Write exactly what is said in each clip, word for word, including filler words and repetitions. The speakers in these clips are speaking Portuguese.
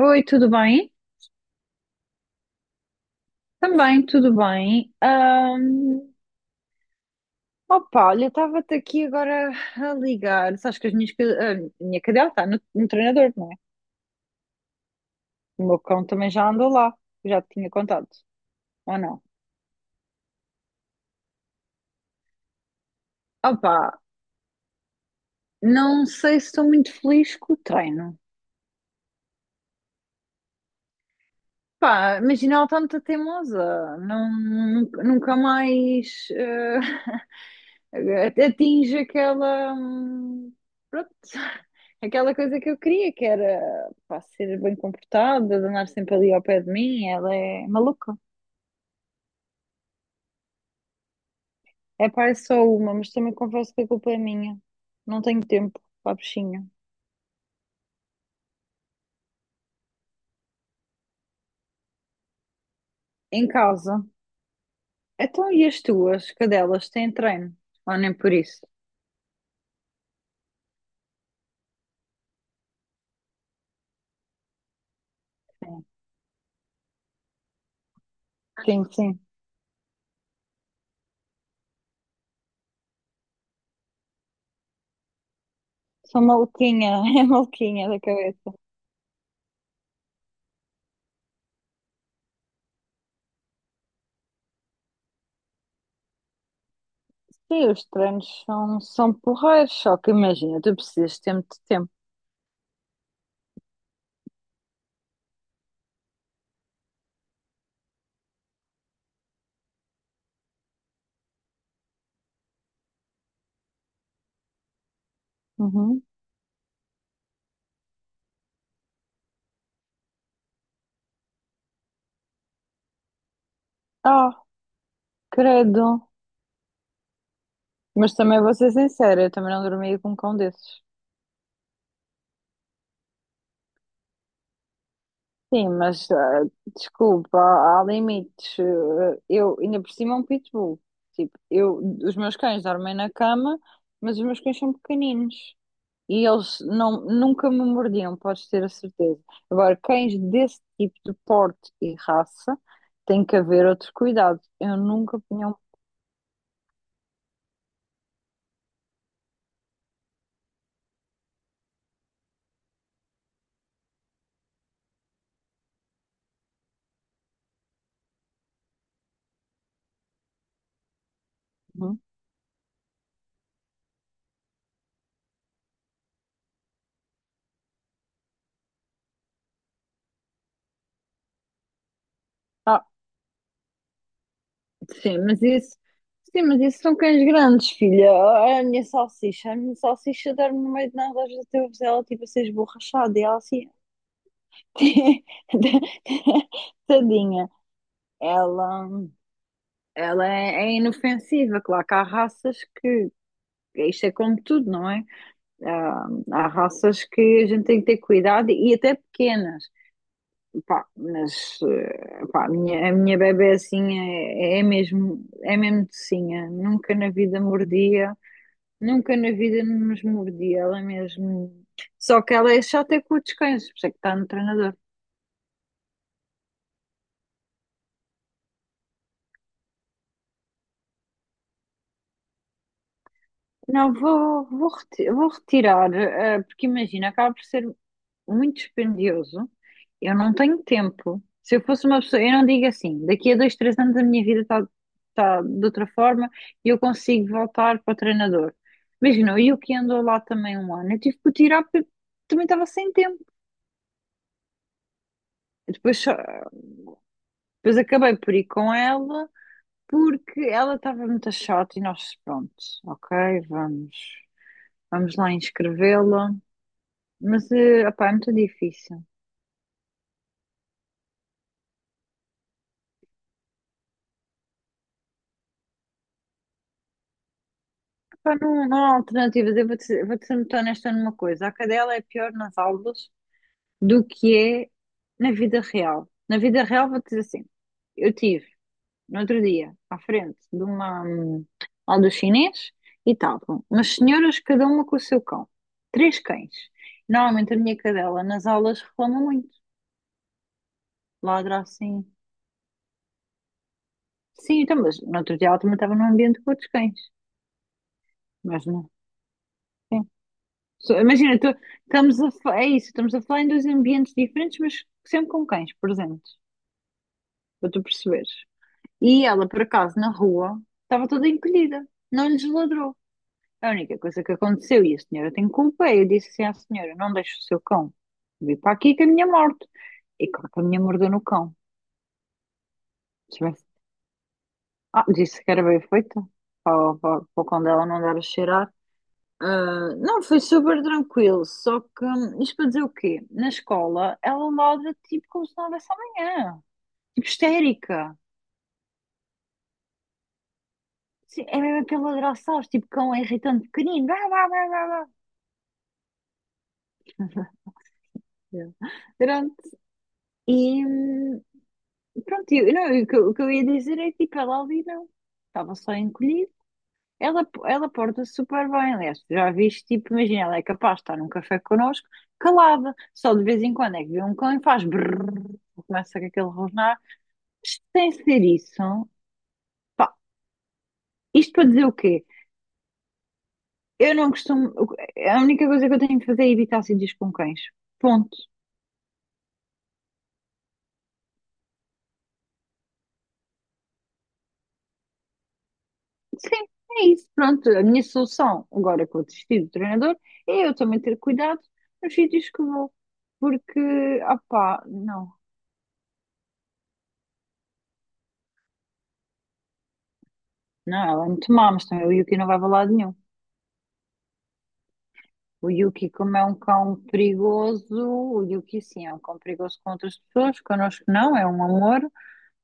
Oi, tudo bem? Também, tudo bem. Ahm, opa, olha, estava-te aqui agora a ligar. Sabes que as minhas, cade- a minha cadela está no, no treinador, não é? O meu cão também já andou lá. Já te tinha contado, ou não? Opa, não sei se estou muito feliz com o treino. Pá, imagina, ela está muito teimosa. Não, nunca nunca mais. Eh, até atinge aquela, hum, pronto, aquela coisa que eu queria, que era, pá, ser bem comportada, de andar sempre ali ao pé de mim. Ela é maluca. É pá, é só uma, mas também confesso que a culpa é minha. Não tenho tempo para a bichinha. Em casa. Então, e as tuas cadelas têm treino? Ou nem por isso? Sim, sim. Sou maluquinha, é maluquinha da cabeça. Sim, os treinos são, são porreiros, só que imagina, tu precisas de tempo de tempo. Uhum. Credo. Mas também vou ser sincera, eu também não dormia com um cão desses. Sim, mas ah, desculpa, há, há limites. Ah, eu ainda por cima é um pitbull. Tipo, eu, os meus cães dormem na cama, mas os meus cães são pequeninos. E eles não, nunca me mordiam, podes ter a certeza. Agora, cães desse tipo de porte e raça, tem que haver outro cuidado. Eu nunca punha um. Uhum. Sim, mas isso, sim, mas isso são cães grandes, filha. Olha, A minha salsicha, a minha salsicha dorme no meio de nada. Às vezes eu vejo ela tipo a ser esborrachada, e ela assim, tadinha. Ela, ela é, é inofensiva. Claro que há raças que, isto é como tudo, não é? Há, há raças que a gente tem que ter cuidado, e até pequenas. Pá, mas eh, pá, a minha, a minha bebé assim é, é mesmo, é mesmo docinha, nunca na vida mordia. Nunca na vida nos mordi, ela mesmo. Só que ela é chata com os descansos, por isso é que está no treinador. Não, vou, vou reti- vou retirar, eh, porque imagina, acaba por ser muito dispendioso. Eu não tenho tempo. Se eu fosse uma pessoa, eu não digo assim, daqui a dois, três anos a minha vida está tá de outra forma e eu consigo voltar para o treinador. Imagina, eu que ando lá também um ano, eu tive que o tirar porque também estava sem tempo. Depois, só- depois acabei por ir com ela porque ela estava muito chata, e nós, pronto, ok, vamos, vamos lá inscrevê-la. Mas, eh, opá, é muito difícil. Opá, não, não há alternativas. Eu vou-te vou ser muito honesta numa coisa. A cadela é pior nas aulas do que é na vida real. Na vida real, vou-te dizer assim. Eu tive, no outro dia, à frente de uma hum, aula do chinês, e estavam umas senhoras, cada uma com o seu cão. Três cães. Normalmente a minha cadela nas aulas reclama muito. Ladra assim. Sim, então, mas no outro dia ela também estava num ambiente com outros cães. Mas não. Sim. So- Imagina, tu- estamos a, fa- é isso, estamos a falar em dois ambientes diferentes, mas sempre com cães presentes, para tu perceberes. E ela, por acaso, na rua, estava toda encolhida, não lhes ladrou. A única coisa que aconteceu, e a senhora tem culpa, é eu disse assim à senhora: não deixe o seu cão vir para aqui que a minha morte. E claro que a minha mordeu no cão. Se tivesse- Ah, disse que era bem feito, para, para, para o cão dela não dar a cheirar. Ah, não, foi super tranquilo, só que hum, isto para dizer o quê? Na escola ela ladra tipo como se não houvesse amanhã, tipo histérica. Sim, é mesmo aquele ladrar, sabes, tipo cão é irritante pequenino. Blá, blá, blá, blá, blá. Yeah. Pronto. E hum, pronto, eu, não, eu- o que eu o que eu ia dizer é que tipo, ela ali não, estava só encolhida. Ela, ela porta-se super bem. Aliás, tu já viste, tipo, imagina, ela é capaz de estar num café connosco, calada, só de vez em quando é que vê um cão e faz brrr, começa com aquele rosnar. Sem ser isso, pá, isto para dizer o quê? Eu não costumo. A única coisa que eu tenho de fazer é evitar acidez com cães. Ponto. Sim, é isso. Pronto, a minha solução, agora que eu desisti do treinador, é eu também ter cuidado nos sítios que vou. Porque, opá, não. Não, ela é muito má, mas também o Yuki não vai para lado nenhum. O Yuki, como é um cão perigoso, o Yuki sim, é um cão perigoso com outras pessoas, connosco não, é um amor.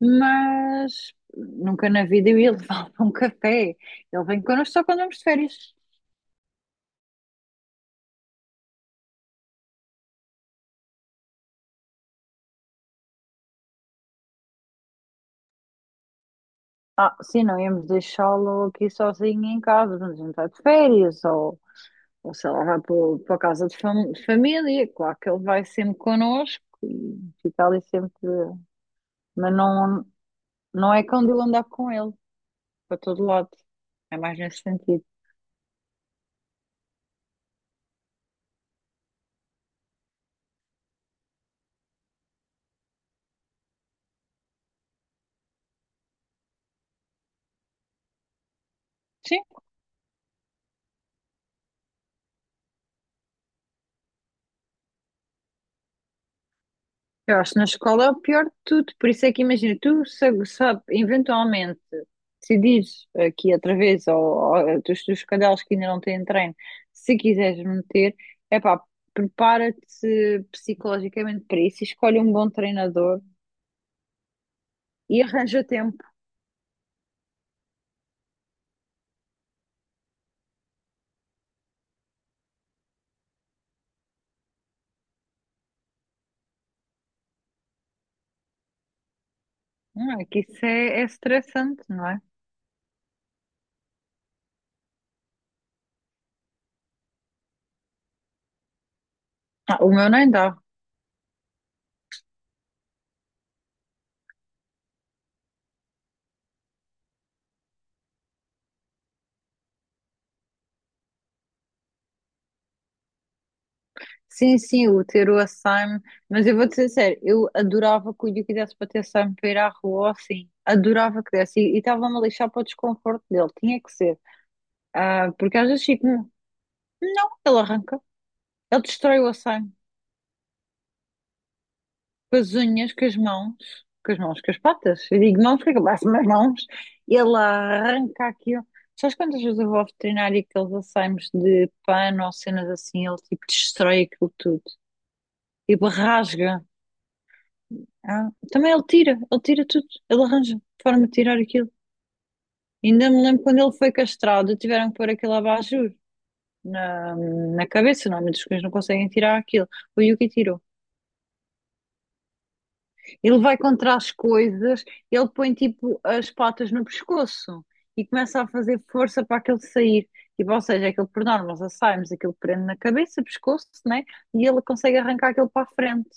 Mas nunca na vida eu ia levá-lo para um café. Ele vem connosco só quando vamos de férias. Ah, sim, não íamos deixá-lo aqui sozinho em casa, quando a gente vai de férias, ou, ou sei lá, vai para, para a casa de, fam- de família. Claro que ele vai sempre connosco e fica ali sempre, mas não, não é quando eu andar com ele, para todo lado. É mais nesse sentido. Sim. Eu acho que na escola é o pior de tudo, por isso é que imagina, tu sabe, sabe eventualmente decidires aqui outra vez, ou, ou dos teus cadelos que ainda não têm treino, se quiseres meter, é pá, prepara-te psicologicamente para isso, e escolhe um bom treinador e arranja tempo. Não é que isso é é estressante, não é? Ah, o meu nem dá. Sim, sim, o ter o Açaime, mas eu vou-te ser sério, eu adorava que o Yuki desse para ter Açaime para ir à rua, ou assim, adorava que desse, e e estava-me a lixar para o desconforto dele, tinha que ser. Ah, porque às vezes fico, não, ele arranca, ele destrói o Açaime, com as unhas, com as mãos, com as mãos, com as patas. Eu digo mãos, porque é que eu passo as mãos. Ele arranca aquilo. Sabes quantas vezes eu vou ao veterinário, e aqueles Açaimes de pano ou cenas assim, ele tipo destrói aquilo tudo, tipo rasga. Ah, também ele tira ele tira tudo, ele arranja forma de tirar aquilo. Ainda me lembro quando ele foi castrado, tiveram que pôr aquele abajur na, na cabeça. Normalmente os cães não conseguem tirar aquilo. O Yuki tirou. Ele vai contra as coisas, ele põe tipo as patas no pescoço e começa a fazer força para aquele sair. Tipo, ou seja, aquilo por norma, nós saímos, aquilo prende na cabeça, pescoço, né? E ele consegue arrancar aquilo para a frente.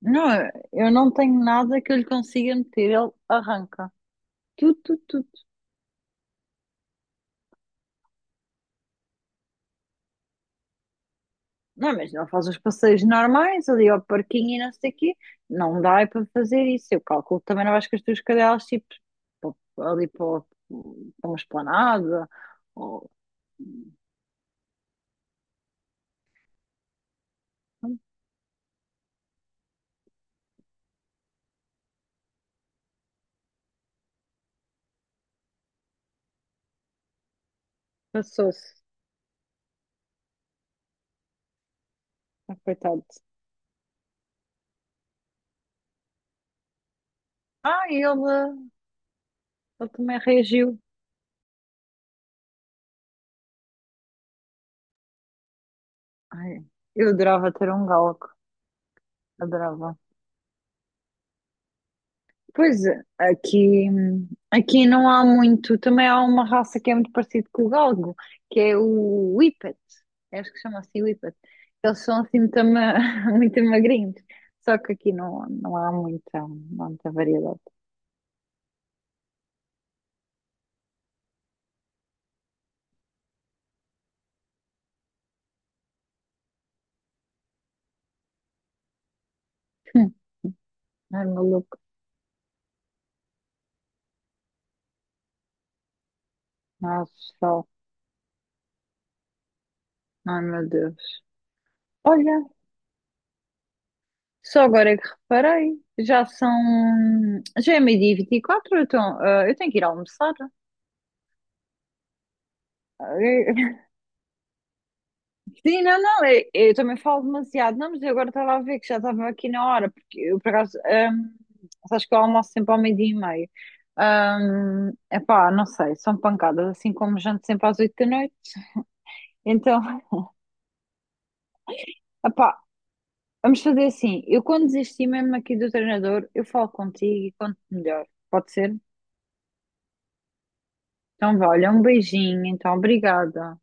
Não, eu não tenho nada que eu lhe consiga meter, ele arranca. Tudo, tudo, tudo. Não, mas não faz os passeios normais ali ao parquinho e não sei o quê. Não dá é para fazer isso. Eu calculo que também não vais com as tuas cadelas tipo pa- ali para, o- para uma esplanada. Ou... Passou-se. Ah, coitado. Ah, ele, ele também reagiu. Ai, eu adorava ter um galgo. Adorava. Pois, aqui, aqui não há muito. Também há uma raça que é muito parecida com o galgo, que é o Whippet. É, acho que chama assim Whippet. Eles são assim muito, ma- muito magrinhos. Só que aqui não, não há muita, não há muita variedade. Ai, maluco. Nossa, só. Ai, meu Deus. Olha, só agora é que reparei. Já são. Já é meio-dia e vinte e quatro. Então, ah, eu tenho que ir almoçar. Sim, não, não, eu, eu também falo demasiado. Não, mas eu agora estava a ver que já estava aqui na hora, porque eu, por acaso, hum, sabes que eu almoço sempre ao meio-dia e meio. Hum, epá, não sei, são pancadas, assim como janto sempre às oito da noite. Então, epá, vamos fazer assim. Eu quando desisti mesmo aqui do treinador, eu falo contigo e conto melhor. Pode ser? Então, vá, olha, um beijinho, então, obrigada.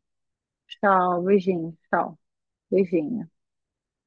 Tchau, beijinho, tchau, beijinho.